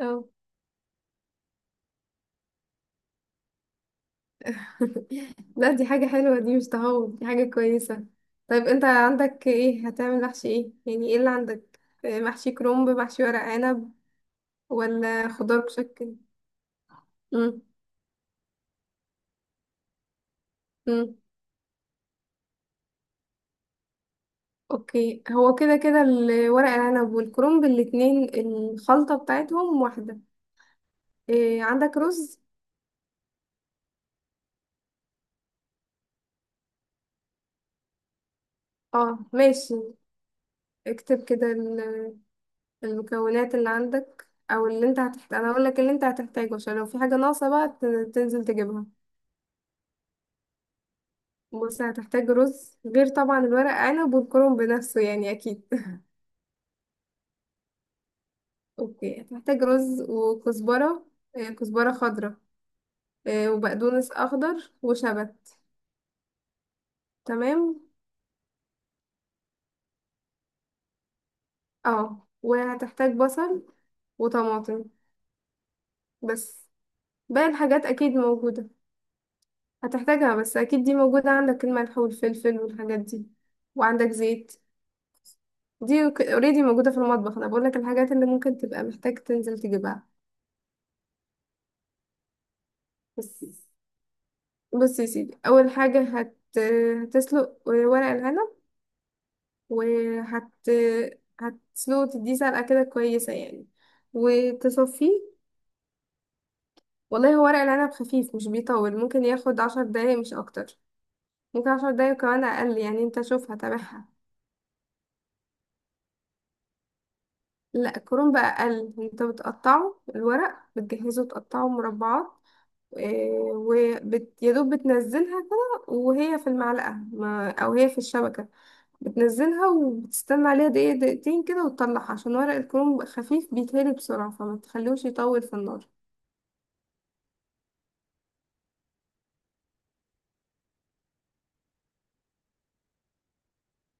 اه لا، دي حاجة حلوة، دي مش تهور، دي حاجة كويسة. طيب، انت عندك ايه؟ هتعمل محشي ايه يعني؟ ايه اللي عندك؟ محشي كرنب، محشي ورق عنب، ولا خضار مشكل؟ مم. مم. اوكي، هو كده كده الورق العنب والكرنب الاتنين الخلطة بتاعتهم واحدة. إيه، عندك رز؟ اه ماشي. اكتب كده المكونات اللي عندك او اللي انت هتحتاج. انا اقول لك اللي انت هتحتاجه عشان لو في حاجة ناقصة بقى تنزل تجيبها. بص، هتحتاج رز غير طبعا الورق عنب والكرنب بنفسه يعني اكيد. اوكي، هتحتاج رز وكزبرة. كزبرة خضراء. وبقدونس اخضر وشبت. تمام. اه، وهتحتاج بصل وطماطم بس. باقي الحاجات اكيد موجودة، هتحتاجها بس اكيد دي موجودة عندك، الملح والفلفل والحاجات دي. وعندك زيت، دي اوريدي موجودة في المطبخ. انا بقولك الحاجات اللي ممكن تبقى محتاج تنزل تجيبها بس. بص يا سيدي، اول حاجه هتسلق ورق العنب، وهت هتسلقه تديه سلقه كده كويسه يعني، وتصفيه. والله هو ورق العنب خفيف، مش بيطول، ممكن ياخد 10 دقايق مش اكتر. ممكن 10 دقايق، كمان اقل يعني، انت شوف هتابعها. لا الكرنب بقى اقل، انت بتقطعه الورق بتجهزه تقطعه مربعات. آه، يا دوب بتنزلها كده وهي في المعلقه، ما... او هي في الشبكه. بتنزلها وبتستنى عليها دقيقة دقيقتين كده وتطلعها، عشان ورق الكروم بيبقى خفيف بيتهري بسرعة، فما تخلوش يطول في النار.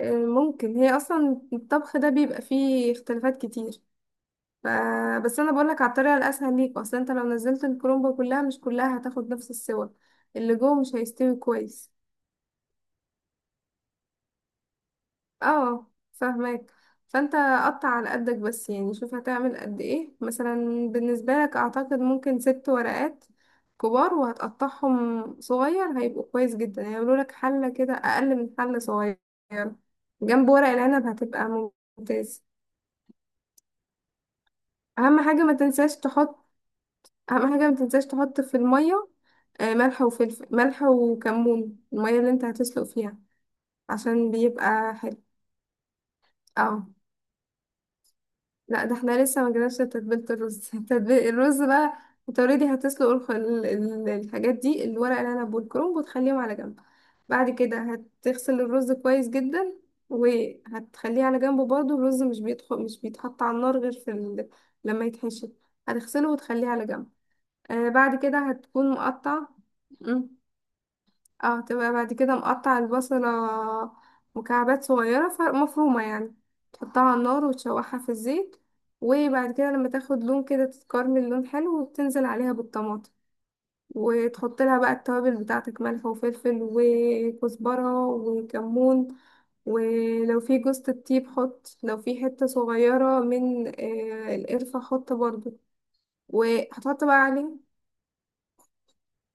ممكن، هي أصلا الطبخ ده بيبقى فيه اختلافات كتير. ف... بس أنا بقولك على الطريقة الأسهل ليك. أصلا أنت لو نزلت الكرومبة كلها، مش كلها هتاخد نفس السوى، اللي جوه مش هيستوي كويس. اه فاهمك. فانت قطع على قدك بس يعني، شوف هتعمل قد ايه مثلا. بالنسبة لك اعتقد ممكن 6 ورقات كبار، وهتقطعهم صغير هيبقوا كويس جدا، هيعملوا لك حلة كده اقل من حلة صغير جنب ورق العنب هتبقى ممتاز. اهم حاجة ما تنساش تحط، اهم حاجة ما تنساش تحط في المية ملح وفلفل، ملح وكمون، المية اللي انت هتسلق فيها، عشان بيبقى حلو. اه لا، ده احنا لسه ما جيناش لتتبيلة الرز. تتبيل الرز بقى. انت اوريدي هتسلق الحاجات دي، الورق العنب والكرنب، وتخليهم على جنب. بعد كده هتغسل الرز كويس جدا، وهتخليه على جنب برضه. الرز مش بيدخل، مش بيتحط على النار غير في لما يتحشي. هتغسله وتخليه على جنب. آه بعد كده هتكون مقطع. اه تبقى بعد كده مقطع البصلة مكعبات صغيرة، مفرومة يعني. تحطها على النار وتشوحها في الزيت، وبعد كده لما تاخد لون كده تتكرمل لون حلو، وتنزل عليها بالطماطم. وتحط لها بقى التوابل بتاعتك، ملح وفلفل وكزبرة وكمون. ولو في جوزة الطيب حط، لو في حتة صغيرة من القرفة حط برضو. وهتحط بقى عليه.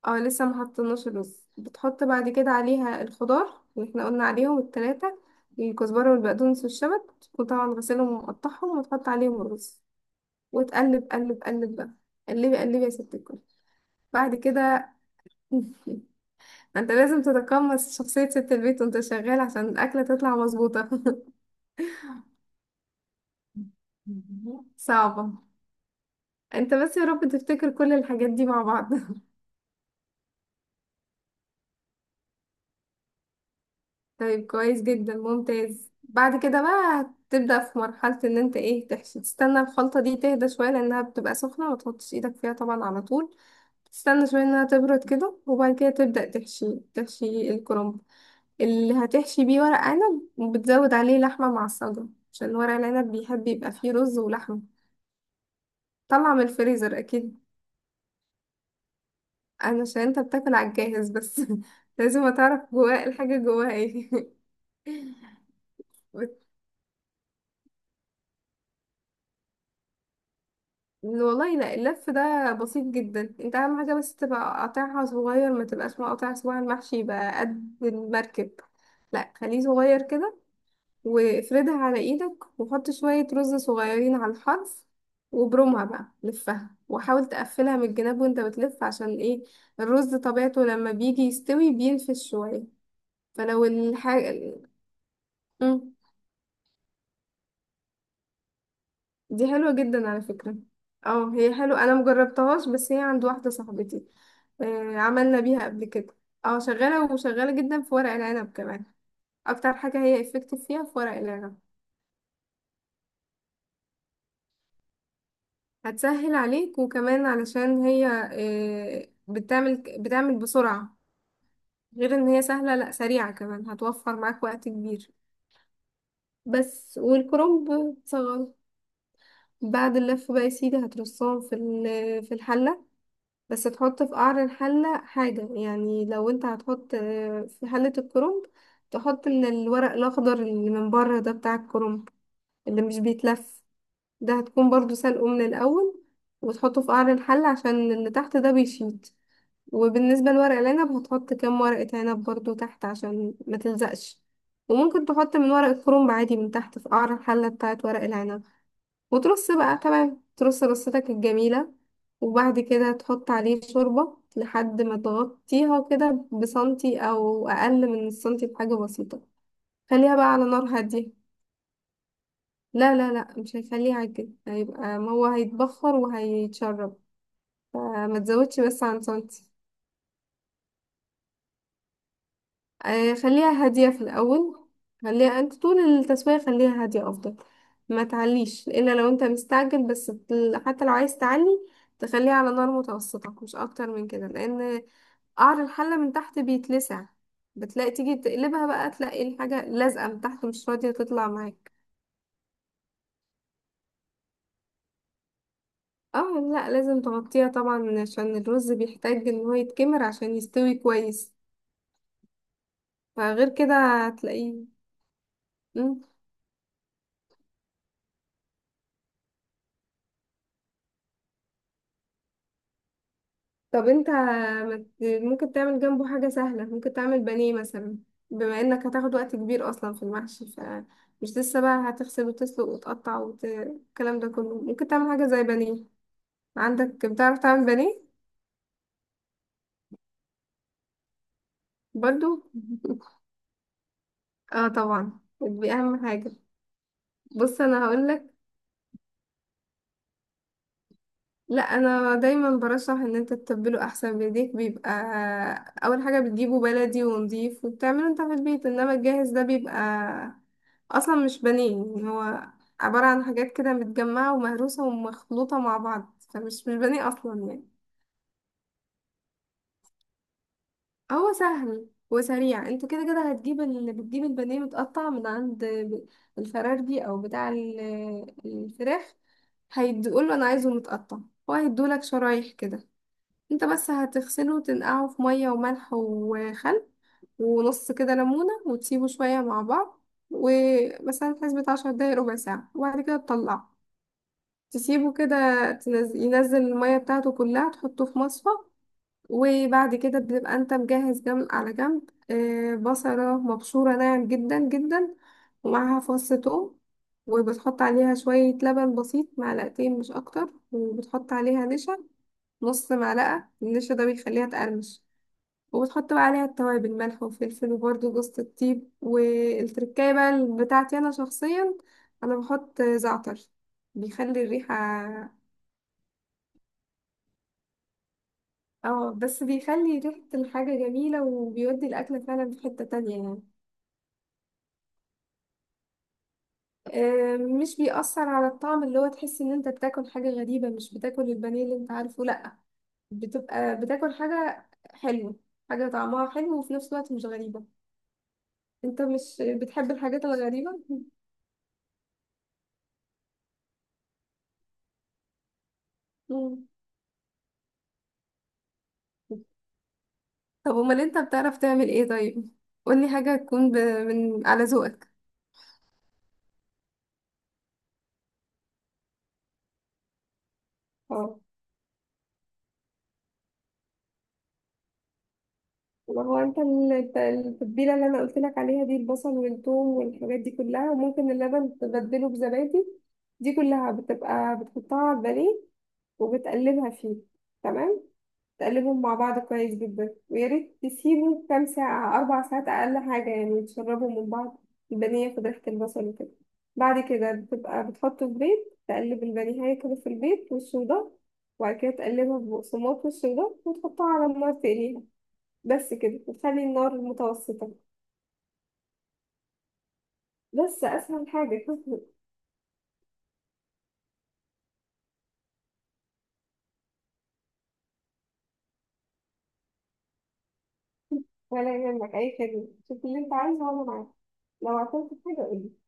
اه لسه ما حطيناش الرز. بتحط بعد كده عليها الخضار اللي احنا قلنا عليهم التلاتة، الكزبرة والبقدونس والشبت، تكون طبعا غسلهم ومقطعهم، وتحط عليهم الرز، وتقلب قلب قلب بقى. قلبي قلبي يا ست الكل. بعد كده. انت لازم تتقمص شخصية ست البيت وانت شغال عشان الأكلة تطلع مظبوطة. صعبة. انت بس يا رب تفتكر كل الحاجات دي مع بعض. طيب كويس جدا، ممتاز. بعد كده بقى تبدأ في مرحلة ان انت ايه، تحشي. تستنى الخلطة دي تهدى شوية لانها بتبقى سخنة، ما تحطش ايدك فيها طبعا على طول. تستنى شوية انها تبرد كده، وبعد كده تبدأ تحشي الكرنب اللي هتحشي بيه ورق عنب، وبتزود عليه لحمة معصجة، عشان ورق العنب بيحب يبقى فيه رز ولحمة. طلع من الفريزر اكيد. انا عشان انت بتاكل على الجاهز بس. لازم تعرف جواه الحاجة جواها ايه. والله لا، اللف ده بسيط جدا. انت اهم حاجة بس تبقى قطعها صغير، ما تبقاش مقطع صباع المحشي يبقى قد المركب. لا خليه صغير كده، وافردها على ايدك، وحط شوية رز صغيرين على الحرف، وبرمها بقى لفها، وحاول تقفلها من الجناب وانت بتلف. عشان ايه؟ الرز طبيعته لما بيجي يستوي بينفش شوية، فلو الحاجة دي حلوة جدا على فكرة. اه هي حلوة، انا مجربتهاش، بس هي عند واحدة صاحبتي. آه عملنا بيها قبل كده. اه شغالة، وشغالة جدا في ورق العنب كمان. اكتر حاجة هي افكتيف فيها في ورق العنب. هتسهل عليك، وكمان علشان هي بتعمل بسرعة. غير ان هي سهلة، لا سريعة كمان، هتوفر معاك وقت كبير بس. والكرنب صغير. بعد اللف بقى يا سيدي، هترصهم في في الحلة. بس تحط في قعر الحلة حاجة يعني، لو انت هتحط في حلة الكرنب، تحط الورق الأخضر اللي من بره ده بتاع الكرنب، اللي مش بيتلف. ده هتكون برضو سلقه من الأول، وتحطه في قعر الحلة عشان اللي تحت ده بيشيط. وبالنسبة لورق العنب، هتحط كام ورقة عنب برضو تحت عشان ما تلزقش. وممكن تحط من ورق الكرنب عادي من تحت في قعر الحلة بتاعت ورق العنب. وترص بقى تمام، ترص رصتك الجميلة. وبعد كده تحط عليه شوربة لحد ما تغطيها كده بسنتي أو أقل من السنتي بحاجة بسيطة. خليها بقى على نار هادية. لا لا لا، مش هيخليها على كده، هيبقى ما هو هيتبخر وهيتشرب. فما تزودش بس عن سنتي. خليها هادية في الأول. خليها أنت طول التسوية خليها هادية أفضل. ما تعليش إلا لو أنت مستعجل بس. حتى لو عايز تعلي، تخليها على نار متوسطة مش أكتر من كده، لأن قعر الحلة من تحت بيتلسع. بتلاقي تيجي تقلبها بقى تلاقي الحاجة لازقة من تحت مش راضية تطلع معاك. اه لا، لازم تغطيها طبعا عشان الرز بيحتاج ان هو يتكمر عشان يستوي كويس. فغير كده هتلاقيه. طب انت ما ت- ممكن تعمل جنبه حاجة سهلة، ممكن تعمل بانيه مثلا. بما انك هتاخد وقت كبير اصلا في المحشي، فمش لسه بقى هتغسل وتسلق وتقطع والكلام ده كله، ممكن تعمل حاجة زي بانيه. عندك بتعرف تعمل بانيه؟ برضو. اه طبعا دي اهم حاجة. بص انا هقولك. لا انا دايما برشح ان انت تتبله احسن بايديك. بيبقى اول حاجه بتجيبه بلدي ونضيف وبتعمله انت في البيت، انما الجاهز ده بيبقى اصلا مش بنين يعني. هو عباره عن حاجات كده متجمعه ومهروسه ومخلوطه مع بعض، فمش مش بانيه اصلا يعني. هو سهل وسريع. انت كده كده هتجيب بتجيب البانيه متقطع من عند الفراربي او بتاع الفراخ. هيديقوله انا عايزه متقطع، هو هيديهولك شرايح كده. انت بس هتغسله وتنقعه في مية وملح وخل ونص كده ليمونة، وتسيبه شوية مع بعض، ومثلا في حسبة 10 دقايق ربع ساعة، وبعد كده تطلعه. تسيبه كده ينزل المية بتاعته كلها، تحطه في مصفى. وبعد كده بتبقى انت مجهز جنب على جنب بصلة مبشورة ناعم جدا جدا، ومعاها فص ثوم. وبتحط عليها شوية لبن بسيط معلقتين مش أكتر، وبتحط عليها نشا، نص معلقة من النشا، ده بيخليها تقرمش. وبتحط بقى عليها التوابل، ملح وفلفل وبرده جوز الطيب. والتركاية بقى بتاعتي أنا شخصيا، أنا بحط زعتر، بيخلي الريحة. اه بس بيخلي ريحة الحاجة جميلة، وبيودي الأكلة فعلا في حتة تانية يعني. مش بيأثر على الطعم اللي هو تحس إن أنت بتاكل حاجة غريبة، مش بتاكل البانيه اللي أنت عارفه، لأ. بتبقى بتاكل حاجة حلوة، حاجة طعمها حلو وفي نفس الوقت مش غريبة. انت مش بتحب الحاجات الغريبة. مم. طب امال انت بتعرف تعمل ايه طيب؟ قولي حاجة تكون من على ذوقك. اه ما هو انت التتبيله اللي انا قلت لك عليها دي، البصل والثوم والحاجات دي كلها، وممكن اللبن تبدله بزبادي، دي كلها بتبقى بتحطها على البانيه وبتقلبها فيه. تمام، تقلبهم مع بعض كويس جدا، ويا ريت تسيبه كام ساعة، 4 ساعات أقل حاجة يعني، تشربهم من بعض. البانيه ياخد ريحة البصل وكده. بعد كده بتبقى بتحطه في بيض، تقلب البانيه كده في البيض والصودا، وبعد كده تقلبها ببقسماط والصودا، وتحطها على النار تقليها. بس كده، وتخلي النار متوسطة. بس أسهل حاجة. ولا يهمك، أي خدمة، شوف اللي أنت عايزه وأنا معاك. لو عطلت في حاجة قولي.